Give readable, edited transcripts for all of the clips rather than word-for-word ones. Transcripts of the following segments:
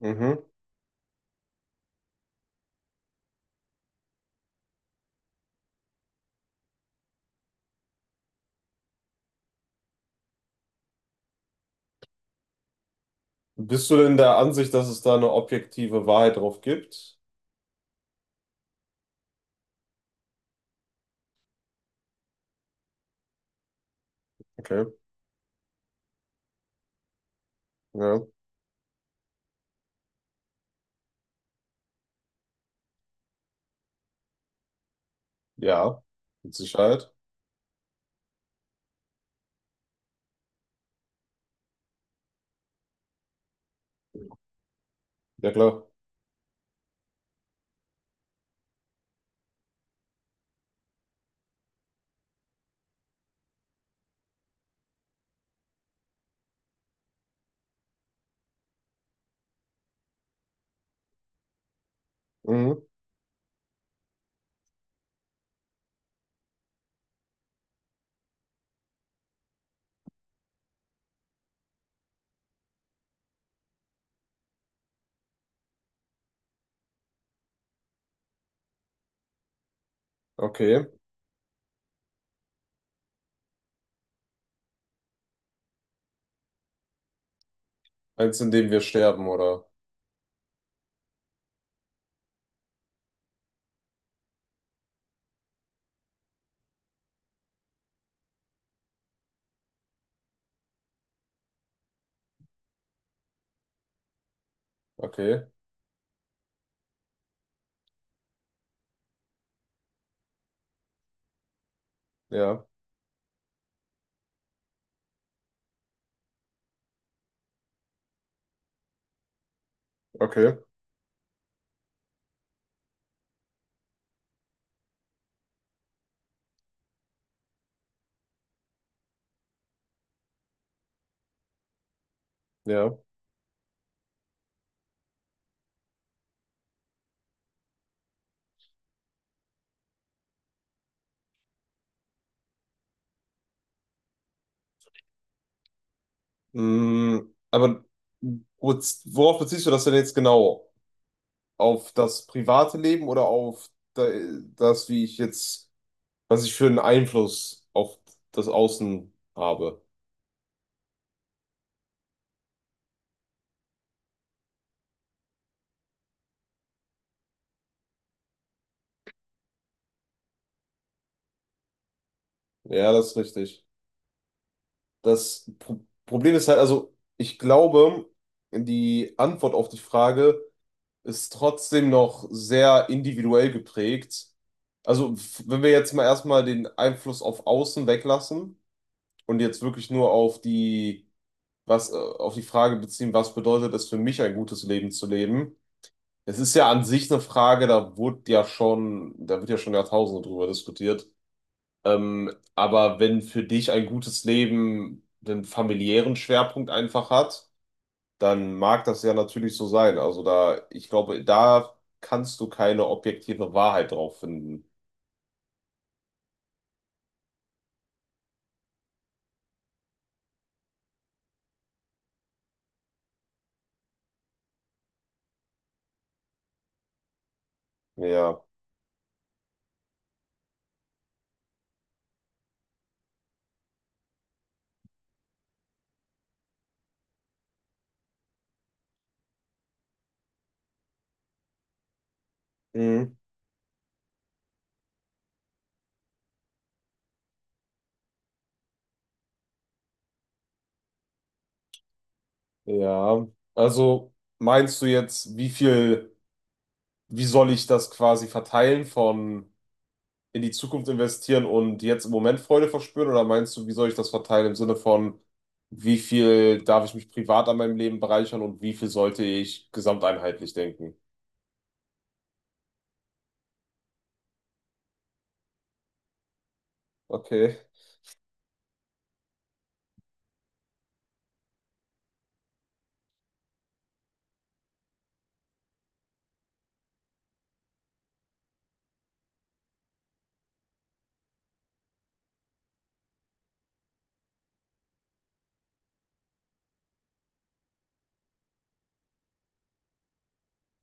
Mhm. Bist du denn der Ansicht, dass es da eine objektive Wahrheit drauf gibt? Okay, ja. Ja, mit Sicherheit. Ja, klar. Mhm. Okay. Eins, in dem wir sterben, oder? Okay, ja, okay, ja. Mhm. Aber worauf beziehst du das denn jetzt genau? Auf das private Leben oder auf das, was ich für einen Einfluss auf das Außen habe? Ja, das ist richtig. Das Problem ist halt, also ich glaube, die Antwort auf die Frage ist trotzdem noch sehr individuell geprägt. Also wenn wir jetzt mal erstmal den Einfluss auf Außen weglassen und jetzt wirklich nur auf auf die Frage beziehen, was bedeutet es für mich, ein gutes Leben zu leben? Es ist ja an sich eine Frage, da wird ja schon Jahrtausende drüber diskutiert. Aber wenn für dich ein gutes Leben den familiären Schwerpunkt einfach hat, dann mag das ja natürlich so sein. Also da, ich glaube, da kannst du keine objektive Wahrheit drauf finden. Ja. Mhm. Ja. Also meinst du jetzt, wie soll ich das quasi verteilen von in die Zukunft investieren und jetzt im Moment Freude verspüren? Oder meinst du, wie soll ich das verteilen im Sinne von, wie viel darf ich mich privat an meinem Leben bereichern und wie viel sollte ich gesamteinheitlich denken? Okay,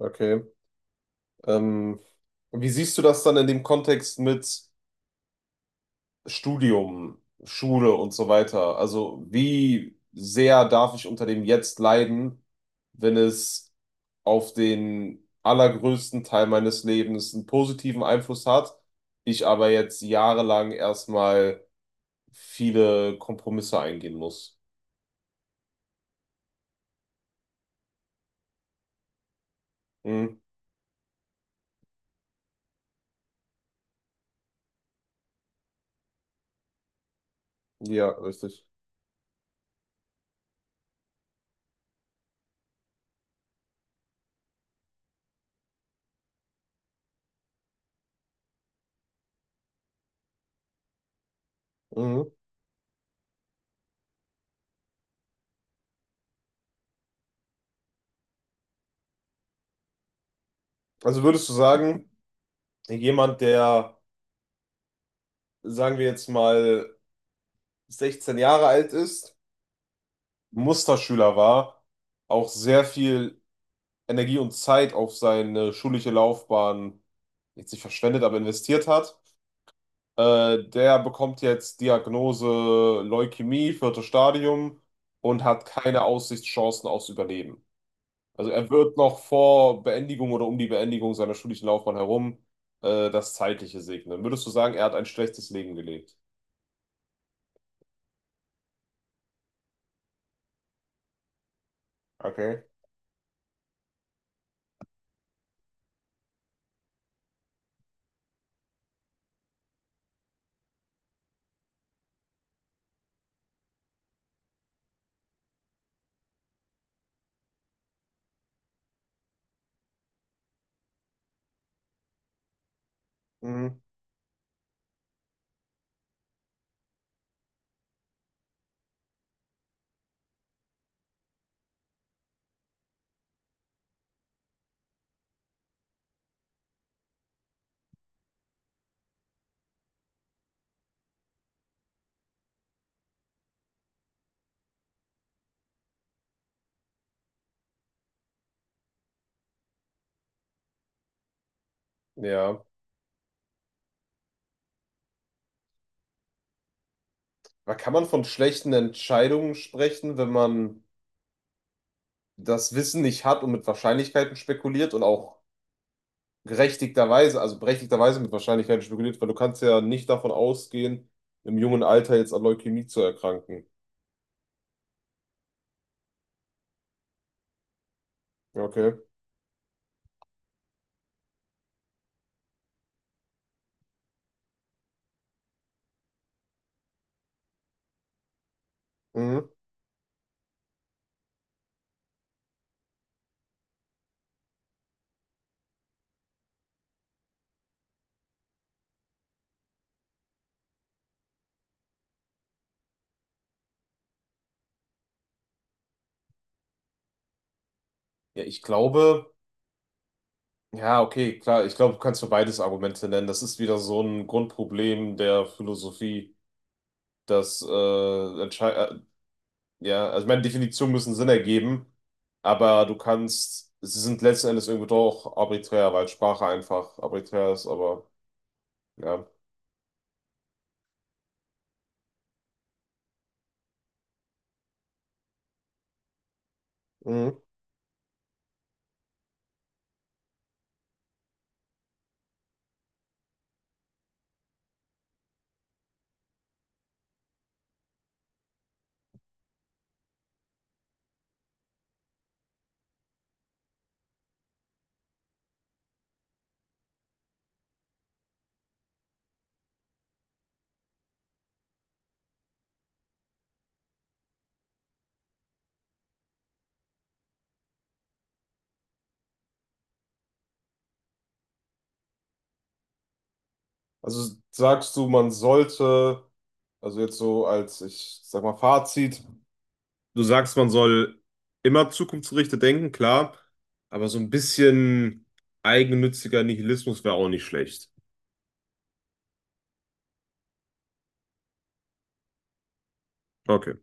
okay. Ähm, Wie siehst du das dann in dem Kontext mit Studium, Schule und so weiter? Also wie sehr darf ich unter dem jetzt leiden, wenn es auf den allergrößten Teil meines Lebens einen positiven Einfluss hat, ich aber jetzt jahrelang erstmal viele Kompromisse eingehen muss. Hm, ja, richtig. Mhm. Also würdest du sagen, jemand, der, sagen wir jetzt mal, 16 Jahre alt ist, Musterschüler war, auch sehr viel Energie und Zeit auf seine schulische Laufbahn jetzt nicht verschwendet, aber investiert hat. Der bekommt jetzt Diagnose Leukämie, viertes Stadium, und hat keine Aussichtschancen aufs Überleben. Also er wird noch vor Beendigung oder um die Beendigung seiner schulischen Laufbahn herum das Zeitliche segnen. Würdest du sagen, er hat ein schlechtes Leben gelebt? Okay. Mhm. Ja. Aber kann man von schlechten Entscheidungen sprechen, wenn man das Wissen nicht hat und mit Wahrscheinlichkeiten spekuliert und auch gerechtigterweise, also berechtigterweise mit Wahrscheinlichkeit spekuliert, weil du kannst ja nicht davon ausgehen, im jungen Alter jetzt an Leukämie zu erkranken? Ja, okay. Mhm. Ja, ich glaube, ja, okay, klar, ich glaube, du kannst für beides Argumente nennen. Das ist wieder so ein Grundproblem der Philosophie, dass, ja, also ich meine, Definitionen müssen Sinn ergeben, aber sie sind letzten Endes irgendwie doch arbiträr, weil Sprache einfach arbiträr ist, aber ja. Mhm. Also sagst du, man sollte. Also jetzt so als, ich sag mal, Fazit. Du sagst, man soll immer zukunftsgerichtet denken, klar, aber so ein bisschen eigennütziger Nihilismus wäre auch nicht schlecht. Okay.